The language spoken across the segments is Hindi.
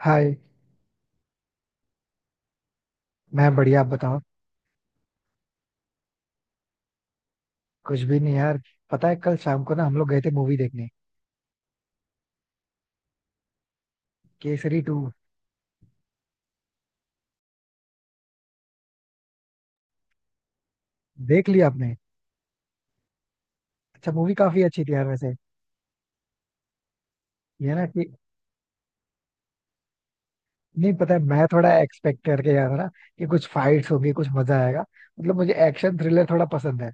हाय। मैं बढ़िया, आप बताओ। कुछ भी नहीं यार। पता है कल शाम को ना हम लोग गए थे मूवी देखने। केसरी टू। देख लिया आपने? अच्छा मूवी काफी अच्छी थी यार वैसे। ये ना कि नहीं, पता है मैं थोड़ा एक्सपेक्ट करके गया था ना कि कुछ फाइट्स होगी, कुछ मजा आएगा। मतलब मुझे एक्शन थ्रिलर थोड़ा पसंद है,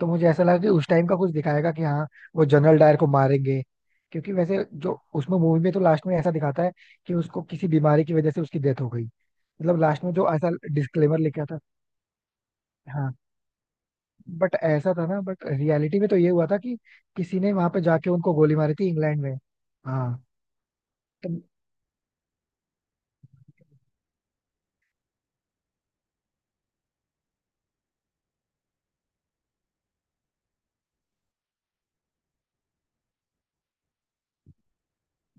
तो मुझे ऐसा लगा कि उस टाइम का कुछ दिखाएगा कि हाँ, वो जनरल डायर को मारेंगे। क्योंकि वैसे जो उसमें मूवी में तो लास्ट में ऐसा दिखाता है कि उसको किसी बीमारी की वजह से उसकी डेथ हो गई। मतलब लास्ट में जो ऐसा डिस्क्लेमर लिखा था। हाँ, बट ऐसा था ना, बट रियलिटी में तो ये हुआ था कि किसी ने वहां पे जाके उनको गोली मारी थी इंग्लैंड में। हाँ, तो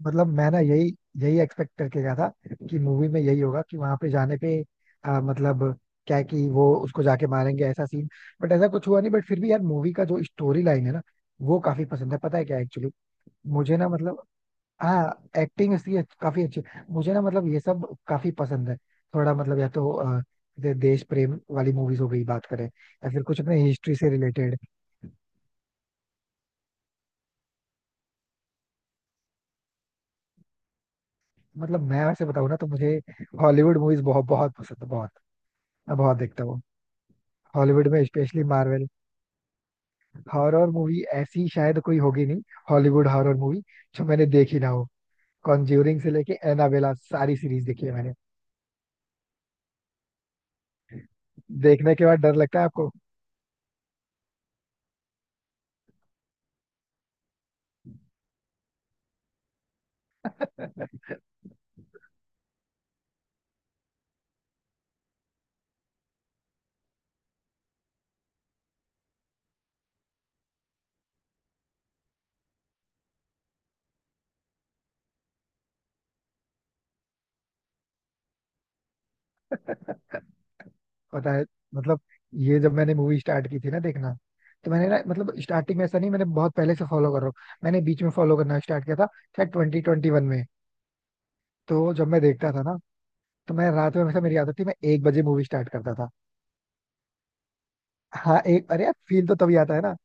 मतलब मैं ना यही यही एक्सपेक्ट करके गया था कि मूवी में यही होगा कि वहां पे जाने पे मतलब क्या है कि वो उसको जाके मारेंगे, ऐसा सीन। बट ऐसा कुछ हुआ नहीं। बट फिर भी यार मूवी का जो स्टोरी लाइन है ना, वो काफी पसंद है। पता है क्या एक्चुअली, मुझे ना मतलब, हाँ एक्टिंग उसकी काफी अच्छी। मुझे ना मतलब ये सब काफी पसंद है। थोड़ा मतलब या तो जैसे देश प्रेम वाली मूवीज हो गई बात करें, या फिर कुछ अपने हिस्ट्री से रिलेटेड। मतलब मैं वैसे बताऊँ ना तो मुझे हॉलीवुड मूवीज बहुत बहुत पसंद है, बहुत। मैं बहुत देखता हूँ। हॉलीवुड में स्पेशली मार्वल। हॉरर मूवी ऐसी शायद कोई होगी नहीं, हॉलीवुड हॉरर मूवी, जो मैंने देखी ना हो। कॉन्ज्यूरिंग से लेके एनाबेला सारी सीरीज देखी है मैंने। देखने के बाद डर लगता है आपको? पता है, मतलब ये जब मैंने मूवी स्टार्ट की थी ना देखना, तो मैंने ना मतलब स्टार्टिंग में ऐसा नहीं, मैंने बहुत पहले से फॉलो कर रहा हूँ। मैंने बीच में फॉलो करना स्टार्ट किया था शायद 2021 में। तो जब मैं देखता था ना, तो मैं रात में, हमेशा मेरी आदत थी, मैं 1 बजे मूवी स्टार्ट करता था। हाँ, एक, अरे यार फील तो तभी आता है ना।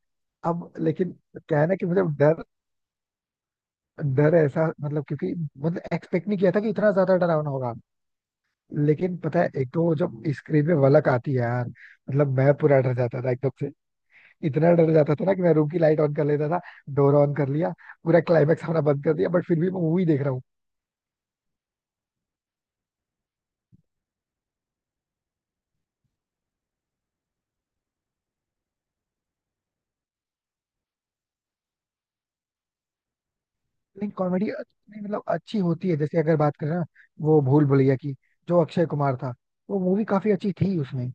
अब लेकिन क्या है ना कि मुझे डर डर ऐसा मतलब, क्योंकि मतलब एक्सपेक्ट नहीं किया था कि इतना ज्यादा डरावना होगा। लेकिन पता है, एक तो जब स्क्रीन पे वलक आती है यार, मतलब मैं पूरा डर जाता था एकदम से। इतना डर जाता था ना कि मैं रूम की लाइट ऑन कर लेता था। डोर ऑन कर लिया, पूरा क्लाइमेक्स हमारा बंद कर दिया, बट फिर भी मैं मूवी देख रहा हूँ। लेकिन कॉमेडी मतलब अच्छी होती है। जैसे अगर बात करें ना, वो भूल भुलैया की, जो अक्षय कुमार था, वो मूवी काफी अच्छी थी उसमें।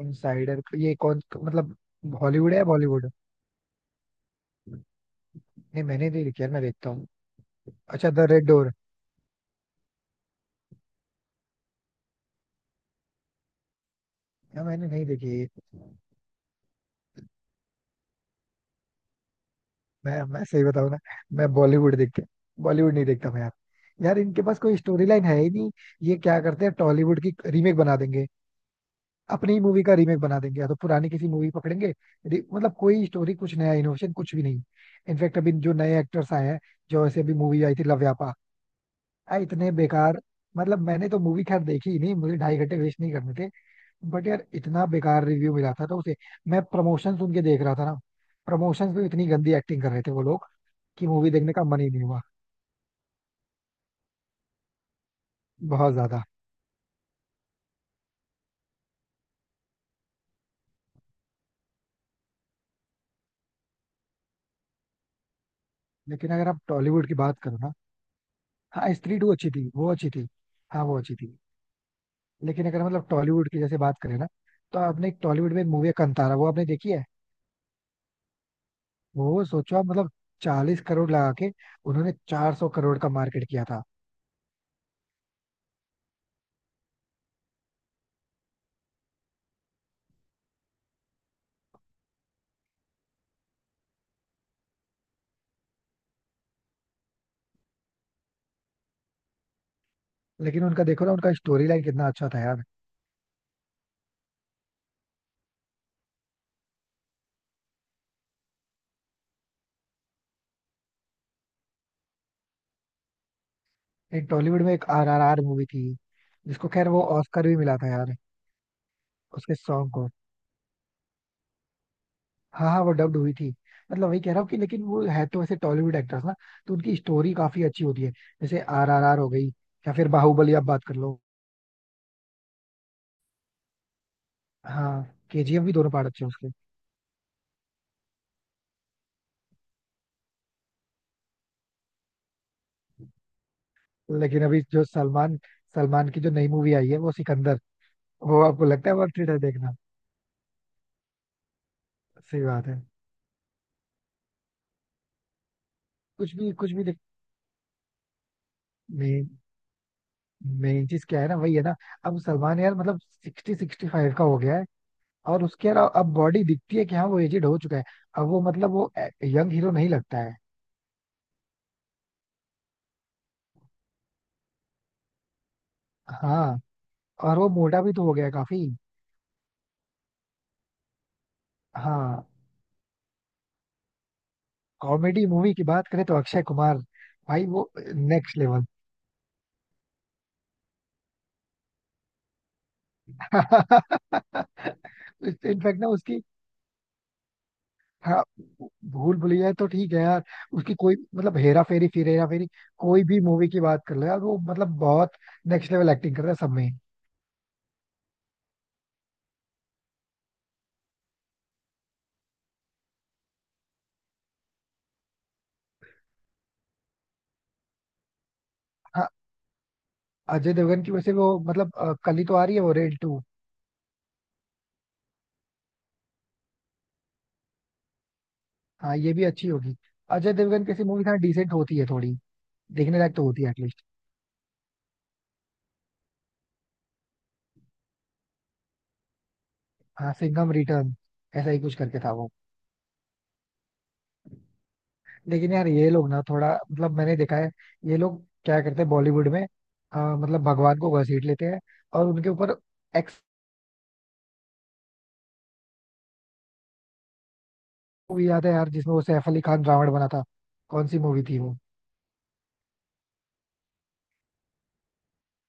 इनसाइडर ये कौन मतलब, हॉलीवुड है बॉलीवुड? नहीं, मैंने नहीं देखी यार, मैं देखता हूँ। अच्छा, द रेड डोर, यार मैंने नहीं देखी ये। मैं सही बताऊँ ना, मैं बॉलीवुड देखते बॉलीवुड नहीं देखता मैं यार। यार इनके पास कोई स्टोरी लाइन है ही नहीं। ये क्या करते हैं, टॉलीवुड की रीमेक बना देंगे, अपनी मूवी का रीमेक बना देंगे, या तो पुरानी किसी मूवी पकड़ेंगे। मतलब कोई स्टोरी, कुछ नया, इनोवेशन कुछ भी नहीं। इनफैक्ट अभी जो नए एक्टर्स आए हैं, जो ऐसे अभी मूवी आई थी लव व्यापा, इतने बेकार। मतलब मैंने तो मूवी खैर देखी ही नहीं, मुझे 2.5 घंटे वेस्ट नहीं करने थे। बट यार इतना बेकार रिव्यू मिला था तो उसे, मैं प्रमोशन सुन के देख रहा था ना, प्रमोशन पे इतनी गंदी एक्टिंग कर रहे थे वो लोग कि मूवी देखने का मन ही नहीं हुआ। बहुत ज्यादा। लेकिन अगर आप टॉलीवुड की बात करो ना, हाँ स्त्री टू अच्छी थी, वो अच्छी थी। हाँ वो अच्छी थी। लेकिन अगर मतलब टॉलीवुड की जैसे बात करें ना, तो आपने एक टॉलीवुड में एक मूवी है कांतारा, वो आपने देखी है? वो सोचो आप, मतलब 40 करोड़ लगा के उन्होंने 400 करोड़ का मार्केट किया था। लेकिन उनका देखो ना, उनका स्टोरी लाइन कितना अच्छा था यार। एक टॉलीवुड में एक RRR मूवी थी, जिसको खैर वो ऑस्कर भी मिला था यार, उसके सॉन्ग को। हाँ हाँ, वो डब्ड हुई थी। मतलब वही कह रहा हूँ कि लेकिन वो है तो वैसे टॉलीवुड एक्टर्स ना, तो उनकी स्टोरी काफी अच्छी होती है। जैसे RRR हो गई, या फिर बाहुबली आप बात कर लो। हाँ। केजीएफ भी दोनों पार्ट अच्छे हैं। लेकिन अभी जो सलमान सलमान की जो नई मूवी आई है, वो सिकंदर, वो आपको लगता है वर्थ इट है देखना? सही बात है। कुछ भी, कुछ भी देख। मेन मेन चीज क्या है ना, वही है ना। अब सलमान यार मतलब 60-65 का हो गया है, और उसके अलावा अब बॉडी दिखती है कि हाँ वो एजेड हो चुका है। अब वो मतलब वो यंग हीरो नहीं लगता है। हाँ, और वो मोटा भी तो हो गया है काफी। हाँ, कॉमेडी मूवी की बात करें तो अक्षय कुमार, भाई वो नेक्स्ट लेवल। इनफैक्ट ना उसकी, हाँ भूल भुलैया है तो ठीक है यार। उसकी कोई मतलब हेरा फेरी, फिर हेरा फेरी, कोई भी मूवी की बात कर लो यार, वो मतलब बहुत नेक्स्ट लेवल एक्टिंग कर रहा है सब में। हाँ, अजय देवगन की वैसे वो मतलब कल ही तो आ रही है वो रेड टू। हाँ ये भी अच्छी होगी। अजय देवगन कैसी मूवी था, डिसेंट होती है थोड़ी, देखने लायक तो होती है एटलीस्ट। हाँ सिंघम रिटर्न, ऐसा ही कुछ करके था वो। लेकिन यार ये लोग ना थोड़ा मतलब मैंने देखा है, ये लोग क्या करते हैं बॉलीवुड में, मतलब भगवान को घसीट लेते हैं और उनके ऊपर मूवी। याद है यार जिसमें वो सैफ अली खान रावण बना था, कौन सी मूवी थी वो?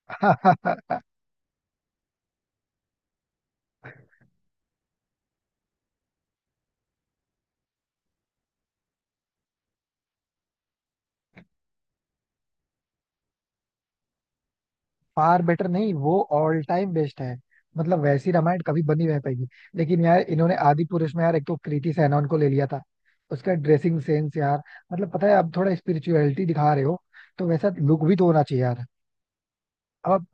फार बेटर नहीं, वो ऑल टाइम बेस्ट है। मतलब वैसी रामायण कभी बनी नहीं पाएगी। लेकिन यार इन्होंने आदि पुरुष में यार, एक तो कृति सैनन को ले लिया था, उसका ड्रेसिंग सेंस यार, मतलब पता है अब थोड़ा स्पिरिचुअलिटी दिखा रहे हो तो वैसा लुक भी तो होना चाहिए यार। अब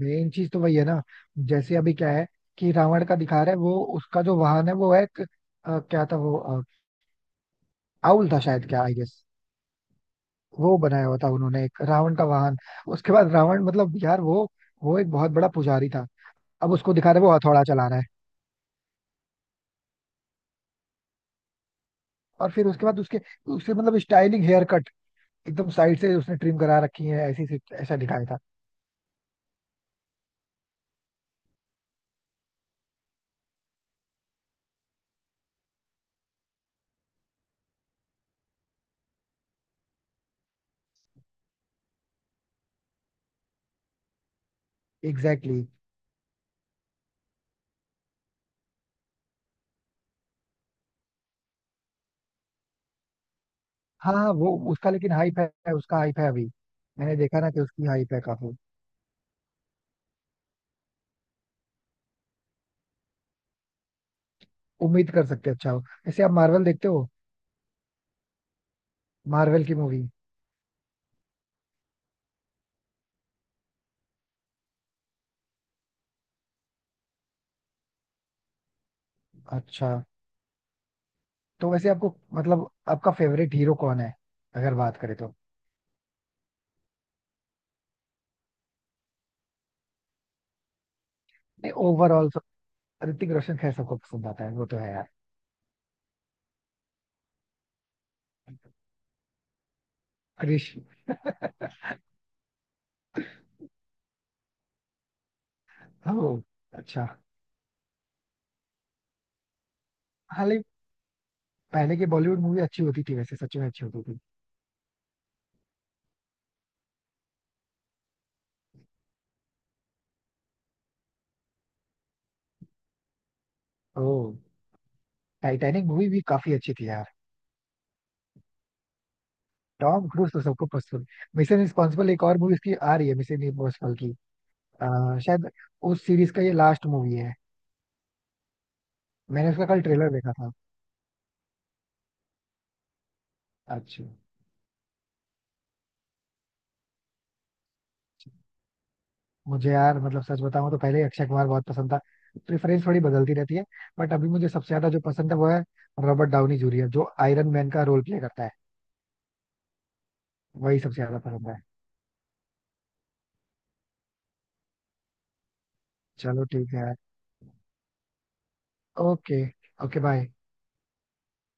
मेन चीज तो वही है ना। जैसे अभी क्या है कि रावण का दिखा रहा है, वो उसका जो वाहन है वो है एक, अ, क्या था वो अ, आउल था शायद, क्या आई। वो बनाया हुआ था उन्होंने एक रावण का वाहन। उसके बाद रावण मतलब यार वो एक बहुत बड़ा पुजारी था। अब उसको दिखा रहे वो हथौड़ा चला रहा है। और फिर उसके बाद उसके उसके मतलब स्टाइलिंग हेयर कट, एकदम साइड से उसने ट्रिम करा रखी है ऐसी से ऐसा दिखाया था। Exactly, exactly. हाँ हाँ, वो उसका लेकिन हाइप है, उसका हाइप है अभी। मैंने देखा ना कि उसकी हाइप है काफी, उम्मीद कर सकते हैं अच्छा हो। वैसे आप मार्वल देखते हो? मार्वल की मूवी। अच्छा, तो वैसे आपको मतलब आपका फेवरेट हीरो कौन है, अगर बात करें तो? नहीं ओवरऑल। ऋतिक रोशन खैर सबको पसंद आता है, वो तो है यार। हरीश। ओ, अच्छा। हाँ, लेकिन पहले की बॉलीवुड मूवी अच्छी होती थी वैसे, सच में अच्छी होती थी। ओ, टाइटैनिक मूवी भी काफी अच्छी थी यार। टॉम क्रूज तो सबको पसंद। मिशन इम्पॉसिबल एक और मूवी इसकी आ रही है, मिशन इम्पॉसिबल की। शायद उस सीरीज का ये लास्ट मूवी है। मैंने उसका कल ट्रेलर देखा था। अच्छा। मुझे यार मतलब सच बताऊं तो पहले ही अक्षय कुमार बहुत पसंद था। प्रेफरेंस थोड़ी बदलती रहती है। बट अभी मुझे सबसे ज्यादा जो पसंद है वो है रॉबर्ट डाउनी जूनियर, जो आयरन मैन का रोल प्ले करता है। वही सबसे ज्यादा पसंद है। चलो ठीक है। ओके। Okay bye.